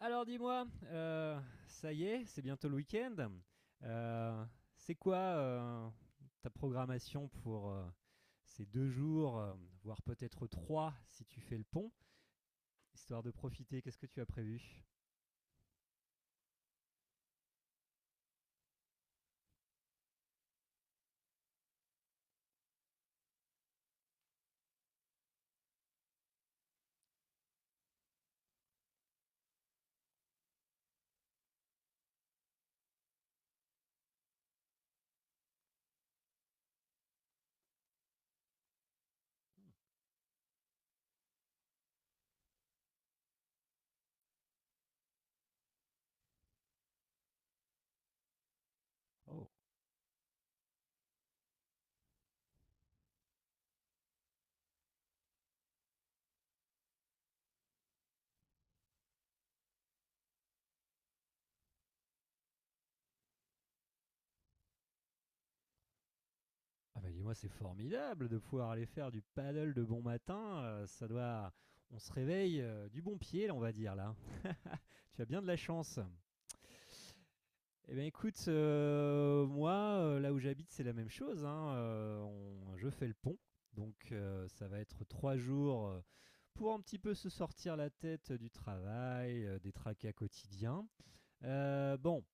Alors dis-moi, ça y est, c'est bientôt le week-end. Euh, c'est quoi ta programmation pour ces 2 jours, voire peut-être trois si tu fais le pont, histoire de profiter. Qu'est-ce que tu as prévu? Oh, ah bah dis-moi, c'est formidable de pouvoir aller faire du paddle de bon matin. On se réveille du bon pied, là, on va dire là. Tu as bien de la chance. Eh bien écoute, moi, là où j'habite, c'est la même chose. Hein, je fais le pont, donc ça va être 3 jours, pour un petit peu se sortir la tête du travail, des tracas quotidiens. Bon,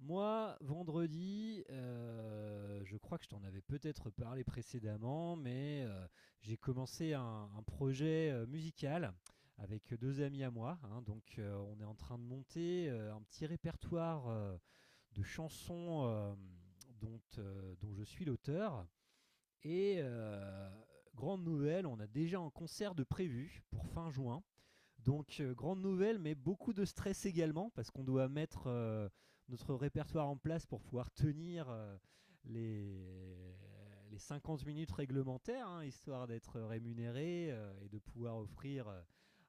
moi, vendredi, je crois que je t'en avais peut-être parlé précédemment, mais j'ai commencé un projet musical avec deux amis à moi. Hein, donc on est en train de monter un petit répertoire, de chansons, dont je suis l'auteur. Et grande nouvelle, on a déjà un concert de prévu pour fin juin, donc, grande nouvelle, mais beaucoup de stress également, parce qu'on doit mettre notre répertoire en place pour pouvoir tenir les, les 50 minutes réglementaires, hein, histoire d'être rémunéré et de pouvoir offrir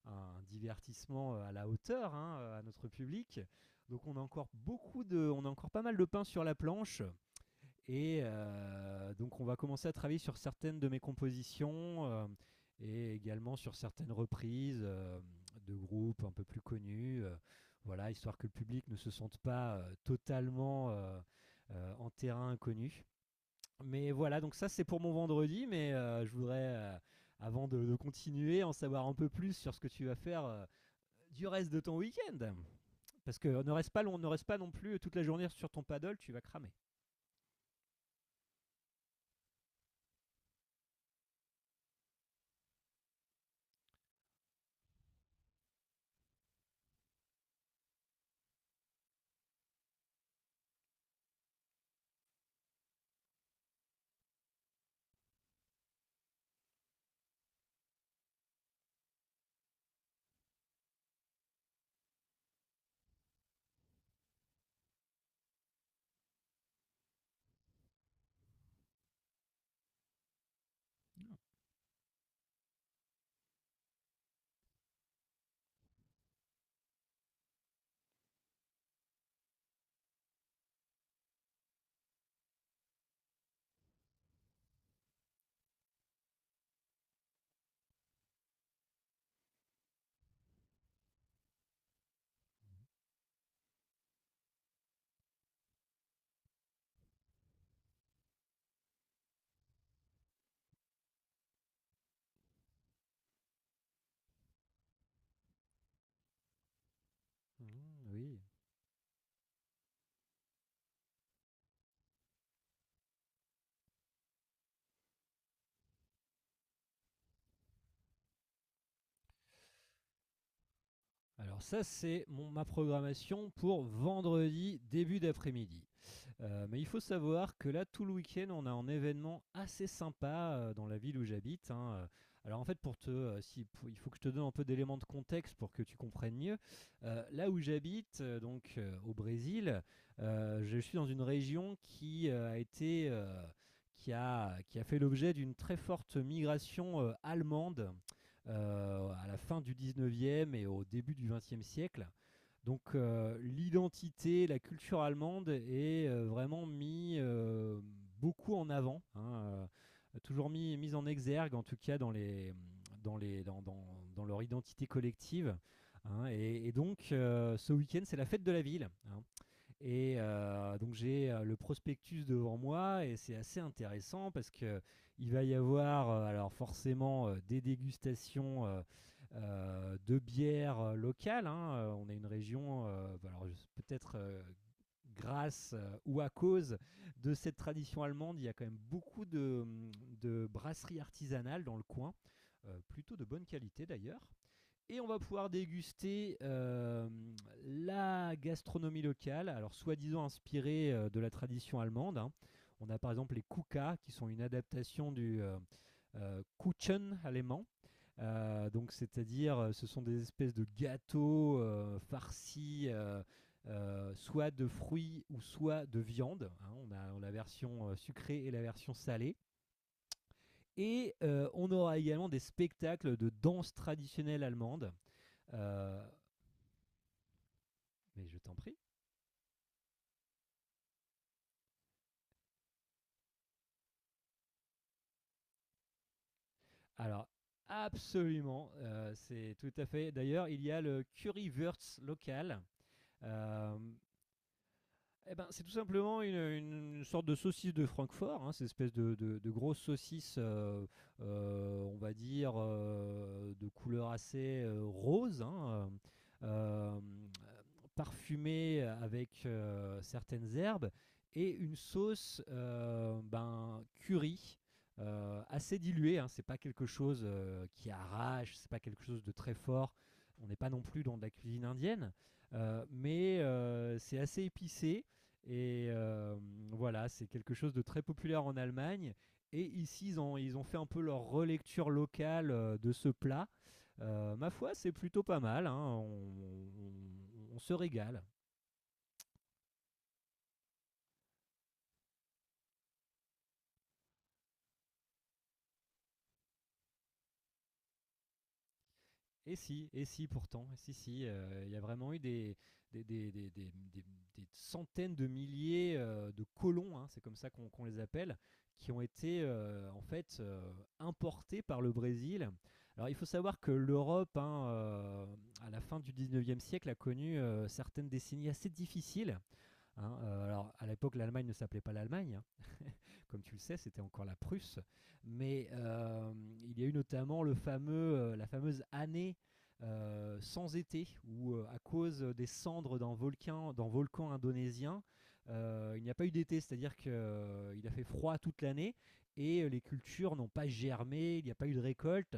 un divertissement à la hauteur, hein, à notre public. Donc, on a encore pas mal de pain sur la planche. Et donc on va commencer à travailler sur certaines de mes compositions, et également sur certaines reprises, de groupes un peu plus connus, voilà, histoire que le public ne se sente pas totalement en terrain inconnu. Mais voilà, donc ça c'est pour mon vendredi, mais je voudrais, avant de continuer, en savoir un peu plus sur ce que tu vas faire du reste de ton week-end. Parce qu'on ne reste, pas long, on ne reste pas non plus toute la journée sur ton paddle, tu vas cramer. Oui. Alors ça, c'est ma programmation pour vendredi début d'après-midi. Mais il faut savoir que là, tout le week-end, on a un événement assez sympa dans la ville où j'habite. Hein. Alors en fait, pour te, si, pour- il faut que je te donne un peu d'éléments de contexte pour que tu comprennes mieux. Là où j'habite, au Brésil, je suis dans une région qui a fait l'objet d'une très forte migration allemande à la fin du 19e et au début du 20e siècle. Donc l'identité, la culture allemande est vraiment mis beaucoup en avant, hein, toujours mis en exergue en tout cas dans, les, dans, les, dans, dans- dans leur identité collective. Hein. Et donc ce week-end c'est la fête de la ville. Hein. Et donc j'ai le prospectus devant moi et c'est assez intéressant parce que il va y avoir alors forcément des dégustations, de bières locales. Hein. On est une région, bah, alors peut-être grâce ou à cause de cette tradition allemande, il y a quand même beaucoup de brasseries artisanales dans le coin, plutôt de bonne qualité d'ailleurs. Et on va pouvoir déguster la gastronomie locale, alors soi-disant inspirée de la tradition allemande. Hein. On a par exemple les Kuka, qui sont une adaptation du Kuchen allemand. Donc, c'est-à-dire, ce sont des espèces de gâteaux farcis, soit de fruits ou soit de viande. Hein, on a la version sucrée et la version salée. Et on aura également des spectacles de danse traditionnelle allemande. Euh, Mais je t'en prie. Alors, absolument, c'est tout à fait. D'ailleurs, il y a le currywurst local. Euh, Eh ben, c'est tout simplement une sorte de saucisse de Francfort, hein, cette espèce de grosse saucisse, on va dire, de couleur assez rose, hein, euh, euh, parfumée avec certaines herbes, et une sauce ben, curry. Assez diluée, hein, c'est pas quelque chose qui arrache, c'est pas quelque chose de très fort. On n'est pas non plus dans de la cuisine indienne, mais c'est assez épicé et voilà, c'est quelque chose de très populaire en Allemagne. Et ici, ils ont fait un peu leur relecture locale de ce plat. Ma foi, c'est plutôt pas mal. Hein. On- on se régale. Et si pourtant, et si, si, il y a vraiment eu des, des, des, des- des- des centaines de milliers de colons, hein, c'est comme ça qu'on les appelle, qui ont été en fait importés par le Brésil. Alors il faut savoir que l'Europe, hein, à la fin du 19e siècle, a connu certaines décennies assez difficiles. Hein. Alors à l'époque, l'Allemagne ne s'appelait pas l'Allemagne, hein. Comme tu le sais, c'était encore la Prusse. Mais il y a eu notamment la fameuse année sans été, où à cause des cendres d'un volcan indonésien, il n'y a pas eu d'été, c'est-à-dire qu'il a fait froid toute l'année et les cultures n'ont pas germé, il n'y a pas eu de récolte.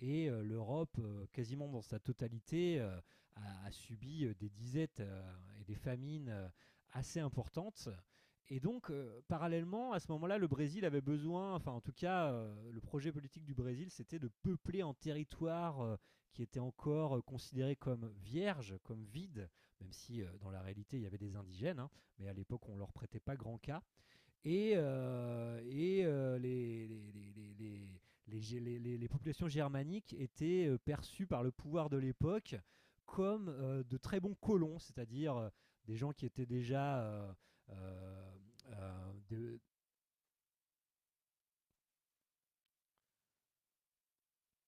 Et l'Europe, quasiment dans sa totalité, a subi des disettes et des famines assez importantes. Et donc, parallèlement, à ce moment-là, le Brésil avait besoin, enfin en tout cas, le projet politique du Brésil, c'était de peupler en territoire qui était encore considéré comme vierge, comme vide, même si dans la réalité, il y avait des indigènes, hein, mais à l'époque, on ne leur prêtait pas grand cas et les- populations germaniques étaient perçues par le pouvoir de l'époque comme de très bons colons, c'est-à-dire des gens qui étaient déjà euh, euh, de-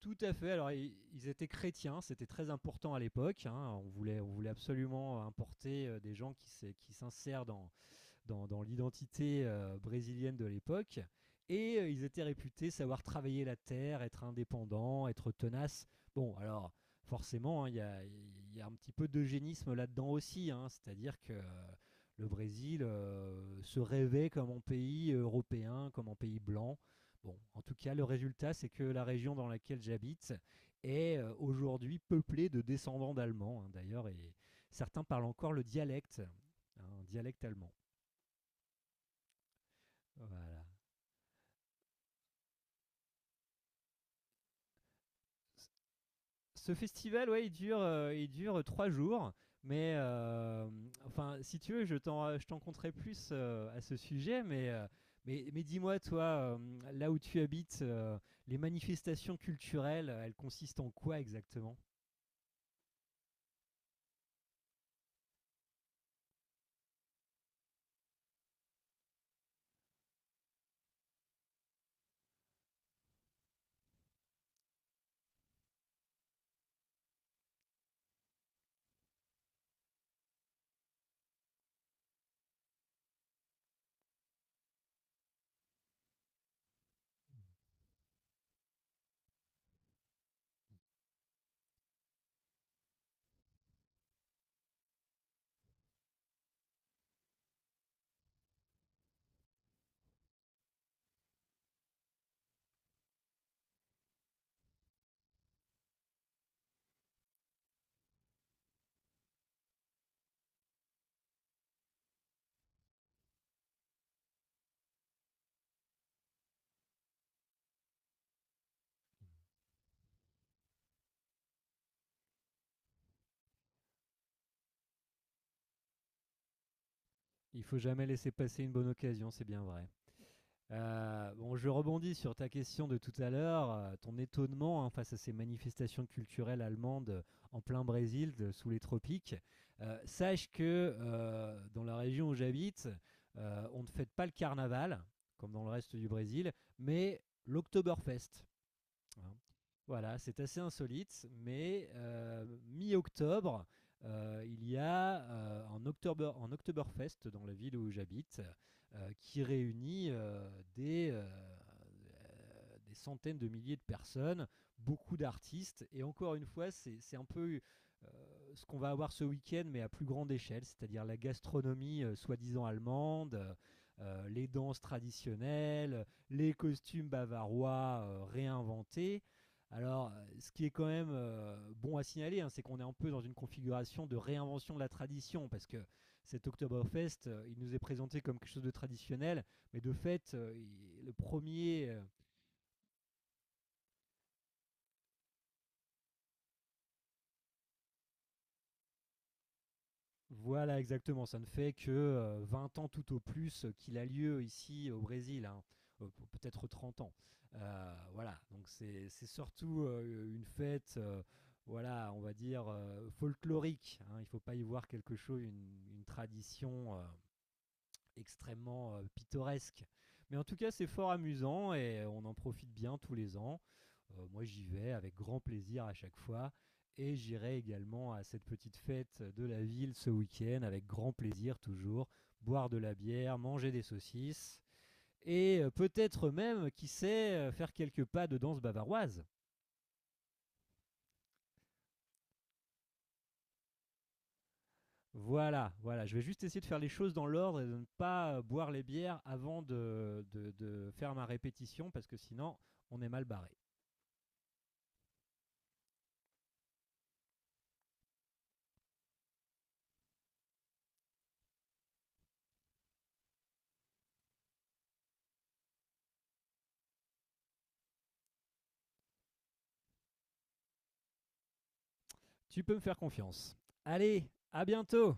tout à fait. Alors ils étaient chrétiens, c'était très important à l'époque. Hein, on voulait absolument importer des gens qui s'insèrent dans l'identité brésilienne de l'époque. Et ils étaient réputés savoir travailler la terre, être indépendants, être tenaces. Bon, alors forcément, hein, il hein, y a- y, a un petit peu d'eugénisme là-dedans aussi. Hein. C'est-à-dire que le Brésil se rêvait comme un pays européen, comme un pays blanc. Bon, en tout cas, le résultat, c'est que la région dans laquelle j'habite est aujourd'hui peuplée de descendants d'Allemands, hein, d'ailleurs, et certains parlent encore le dialecte, hein, un dialecte allemand. Voilà. Ce festival, ouais, il dure 3 jours, mais enfin, si tu veux, je t'en conterai plus à ce sujet, mais dis-moi, toi, là où tu habites, les manifestations culturelles, elles consistent en quoi exactement? Il faut jamais laisser passer une bonne occasion, c'est bien vrai. Bon, je rebondis sur ta question de tout à l'heure, ton étonnement hein, face à ces manifestations culturelles allemandes en plein Brésil, sous les tropiques. Sache que dans la région où j'habite, on ne fête pas le carnaval, comme dans le reste du Brésil, mais l'Oktoberfest hein. Voilà, c'est assez insolite, mais mi-octobre, il y a un Oktoberfest dans la ville où j'habite qui réunit des centaines de milliers de personnes, beaucoup d'artistes, et encore une fois, c'est un peu euh, ce qu'on va avoir ce week-end, mais à plus grande échelle, c'est-à-dire la gastronomie soi-disant allemande, les danses traditionnelles, les costumes bavarois réinventés. Alors, ce qui est quand même bon à signaler, hein, c'est qu'on est un peu dans une configuration de réinvention de la tradition, parce que cet Oktoberfest, il nous est présenté comme quelque chose de traditionnel, mais de fait, le premier voilà, exactement. Ça ne fait que 20 ans tout au plus qu'il a lieu ici au Brésil, hein. Peut-être 30 ans. Voilà, donc c'est surtout une fête, voilà, on va dire folklorique. Hein. Il ne faut pas y voir quelque chose, une tradition. Extrêmement pittoresque. Mais en tout cas, c'est fort amusant et on en profite bien tous les ans. Moi, j'y vais avec grand plaisir à chaque fois. Et j'irai également à cette petite fête de la ville ce week-end avec grand plaisir toujours, boire de la bière, manger des saucisses et peut-être même, qui sait, faire quelques pas de danse bavaroise. Voilà, voilà, je vais juste essayer de faire les choses dans l'ordre et de ne pas boire les bières avant de faire ma répétition parce que sinon on est mal barré. Tu peux me faire confiance. Allez, à bientôt.